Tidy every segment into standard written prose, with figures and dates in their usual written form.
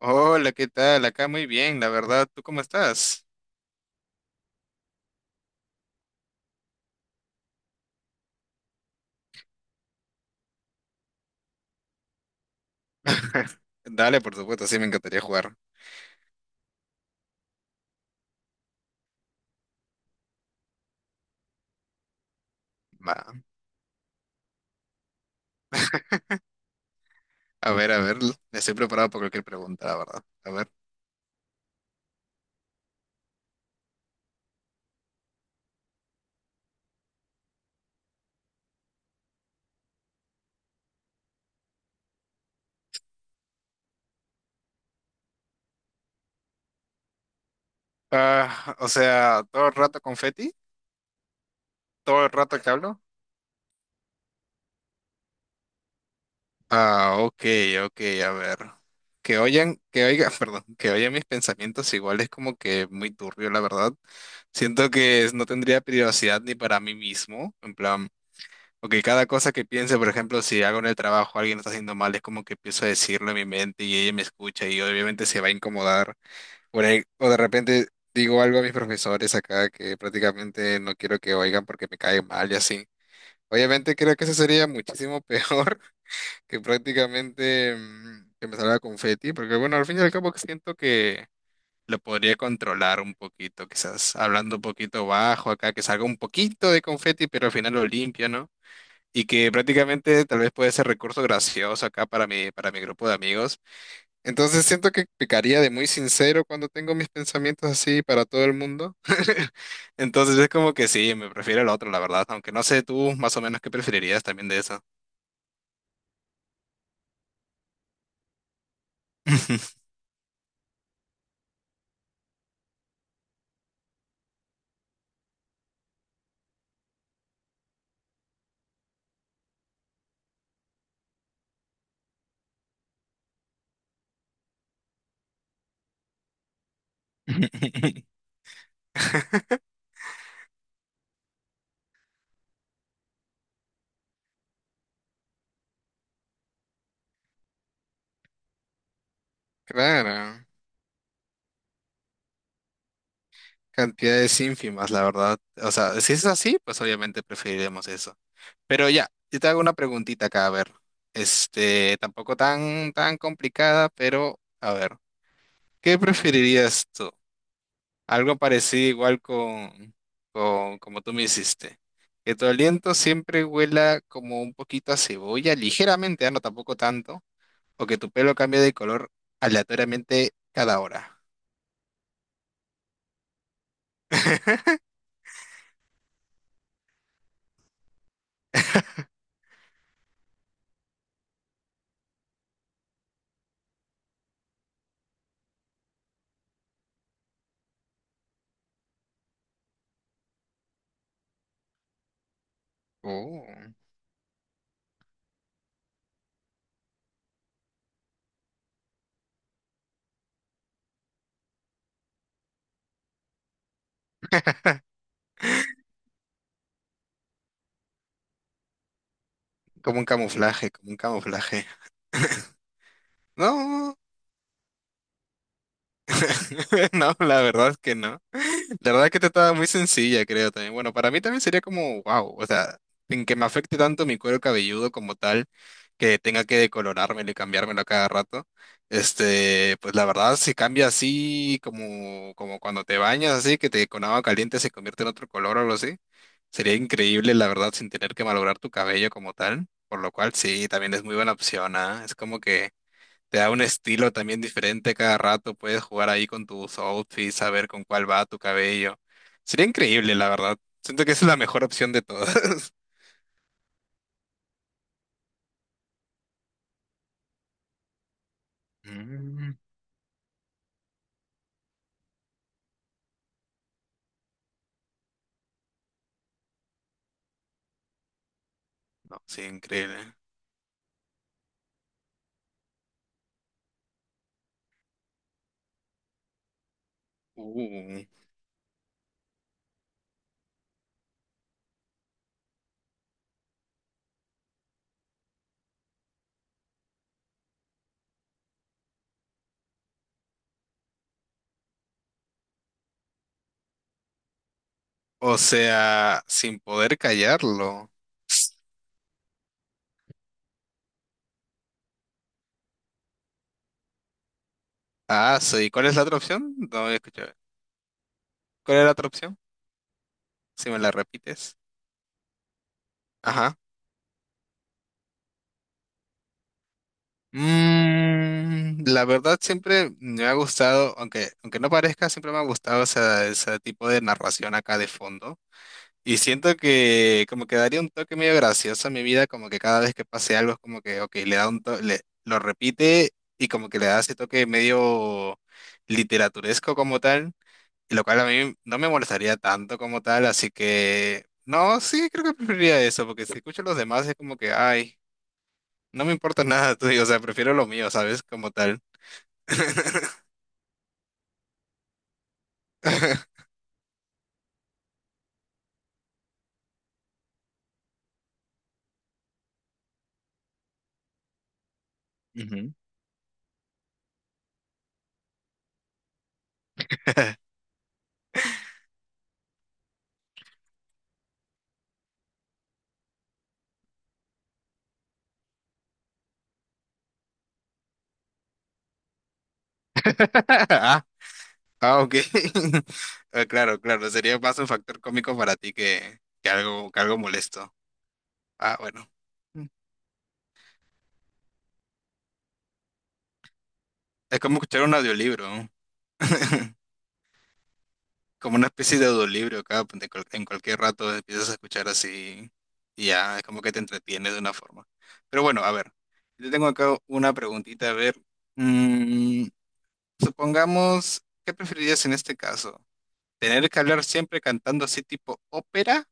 Hola, ¿qué tal? Acá muy bien, la verdad. ¿Tú cómo estás? Dale, por supuesto, sí, me encantaría jugar. Va. A ver, estoy preparado para cualquier pregunta, la verdad. A ver. Ah, o sea, ¿todo el rato confeti? ¿Todo el rato que hablo? Ah, ok, ok, a ver. Que oigan, perdón, que oigan mis pensamientos igual es como que muy turbio, la verdad. Siento que no tendría privacidad ni para mí mismo, en plan. Ok, cada cosa que piense, por ejemplo, si hago en el trabajo, alguien lo está haciendo mal, es como que empiezo a decirlo en mi mente y ella me escucha y obviamente se va a incomodar. O de repente digo algo a mis profesores acá que prácticamente no quiero que oigan porque me cae mal y así. Obviamente creo que eso sería muchísimo peor que prácticamente que me salga confeti, porque bueno, al fin y al cabo siento que lo podría controlar un poquito, quizás hablando un poquito bajo acá, que salga un poquito de confeti, pero al final lo limpio, ¿no? Y que prácticamente tal vez puede ser recurso gracioso acá para para mi grupo de amigos. Entonces siento que pecaría de muy sincero cuando tengo mis pensamientos así para todo el mundo. Entonces es como que sí, me prefiero el otro, la verdad, aunque no sé tú más o menos qué preferirías también de eso. Claro. Cantidades ínfimas, la verdad. O sea, si es así, pues obviamente preferiremos eso. Pero ya, yo te hago una preguntita acá, a ver. Este, tampoco tan complicada, pero a ver, ¿qué preferirías tú? Algo parecido igual con como tú me hiciste. Que tu aliento siempre huela como un poquito a cebolla, ligeramente, ah, no tampoco tanto, o que tu pelo cambie de color aleatoriamente cada hora. Oh, como un camuflaje, como un camuflaje. No. No, la verdad es que no. La verdad es que te estaba muy sencilla, creo también. Bueno, para mí también sería como, wow, o sea, sin que me afecte tanto mi cuero cabelludo como tal, que tenga que decolorármelo y cambiármelo a cada rato. Este, pues la verdad, si cambia así, como, como cuando te bañas así, que te con agua caliente se convierte en otro color o algo así, sería increíble, la verdad, sin tener que malograr tu cabello como tal. Por lo cual, sí, también es muy buena opción, ¿ah? Es como que. Te da un estilo también diferente cada rato, puedes jugar ahí con tus outfits, saber con cuál va tu cabello. Sería increíble, la verdad. Siento que esa es la mejor opción de todas. Mm, no, sí, increíble. Uh, o sea, sin poder callarlo. Ah, sí. ¿Cuál es la otra opción? No había escuchado. ¿Cuál es la otra opción? Si me la repites. Ajá. Mm, la verdad siempre me ha gustado, aunque no parezca, siempre me ha gustado ese tipo de narración acá de fondo. Y siento que como que daría un toque medio gracioso a mi vida, como que cada vez que pase algo es como que, ok, le da un toque, lo repite y como que le da ese toque medio literaturesco como tal, y lo cual a mí no me molestaría tanto como tal, así que no, sí, creo que preferiría eso, porque si escucho a los demás es como que, ay, no me importa nada, tú, digo, o sea, prefiero lo mío, ¿sabes? Como tal. Ujú. Ah, ok. Ah, claro, claro, sería más un factor cómico para ti que algo molesto. Ah, bueno. Mm. Es como escuchar un audiolibro, ¿no? Como una especie de audiolibro que en en cualquier rato empiezas a escuchar así y ya, es como que te entretienes de una forma. Pero bueno, a ver, yo tengo acá una preguntita, a ver, mm, supongamos, ¿qué preferirías en este caso? ¿Tener que hablar siempre cantando así tipo ópera?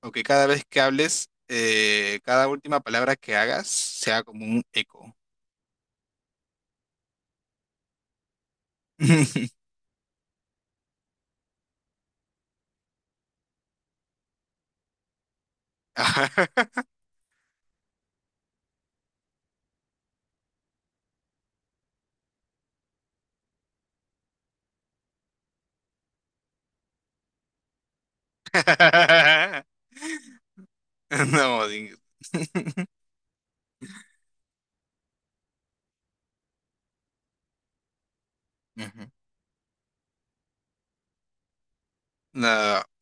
O que cada vez que hables, cada última palabra que hagas sea como un eco. Ajá. No, Ujú. No,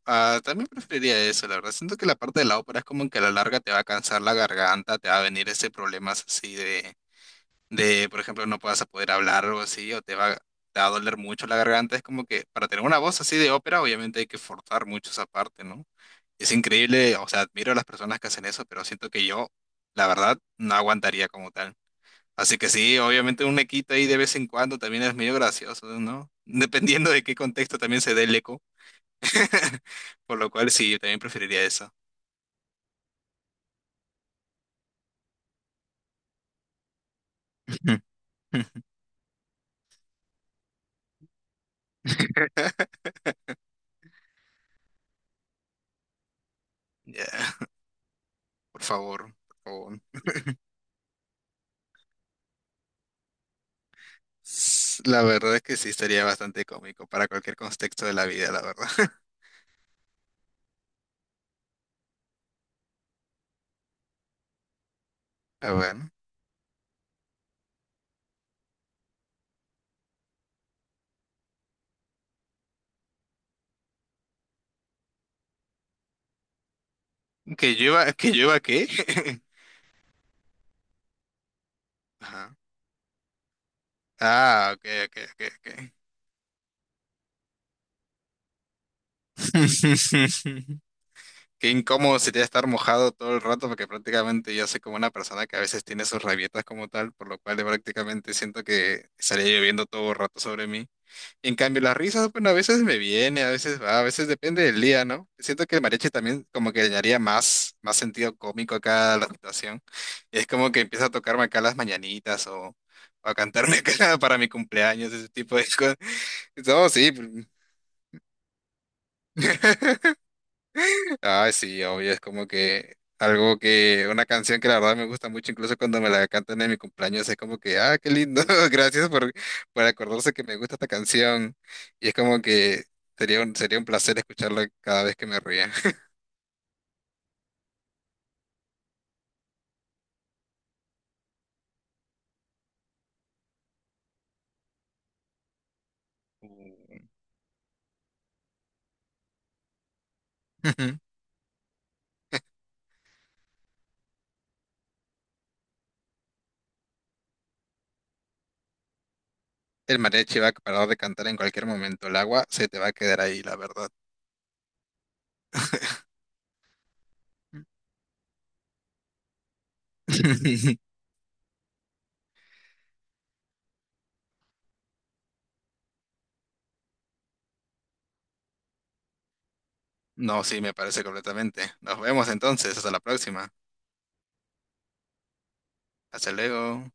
ah, también preferiría eso, la verdad. Siento que la parte de la ópera es como que a la larga te va a cansar la garganta, te va a venir ese problemas así de. De, por ejemplo, no puedas poder hablar o algo así, o te va a doler mucho la garganta. Es como que para tener una voz así de ópera, obviamente hay que forzar mucho esa parte, ¿no? Es increíble, o sea, admiro a las personas que hacen eso, pero siento que yo, la verdad, no aguantaría como tal. Así que sí, obviamente un equito ahí de vez en cuando también es medio gracioso, ¿no? Dependiendo de qué contexto también se dé el eco. Por lo cual sí, yo también preferiría eso. Ya, por favor, por favor. S- La verdad es que sí estaría bastante cómico para cualquier contexto de la vida, la verdad. Ah, bueno. Que llueva qué? Ajá. Ah, ok, ok, ok. Qué incómodo sería estar mojado todo el rato, porque prácticamente yo soy como una persona que a veces tiene sus rabietas como tal, por lo cual prácticamente siento que estaría lloviendo todo el rato sobre mí. En cambio, las risas, bueno, a veces me viene, a veces va, a veces depende del día, ¿no? Siento que el mariachi también como que le daría más sentido cómico acá a la situación. Es como que empieza a tocarme acá las mañanitas o a cantarme acá para mi cumpleaños, ese tipo de cosas. No, sí. Ah, sí, obvio, es como que algo que, una canción que la verdad me gusta mucho, incluso cuando me la cantan en mi cumpleaños, es como que, ah, qué lindo, gracias por acordarse que me gusta esta canción. Y es como que sería sería un placer escucharla cada vez que me ría. Mm. Ujú. El mariachi va a parar de cantar en cualquier momento, el agua se te va a quedar ahí, la verdad. No, sí, me parece completamente. Nos vemos entonces, hasta la próxima. Hasta luego.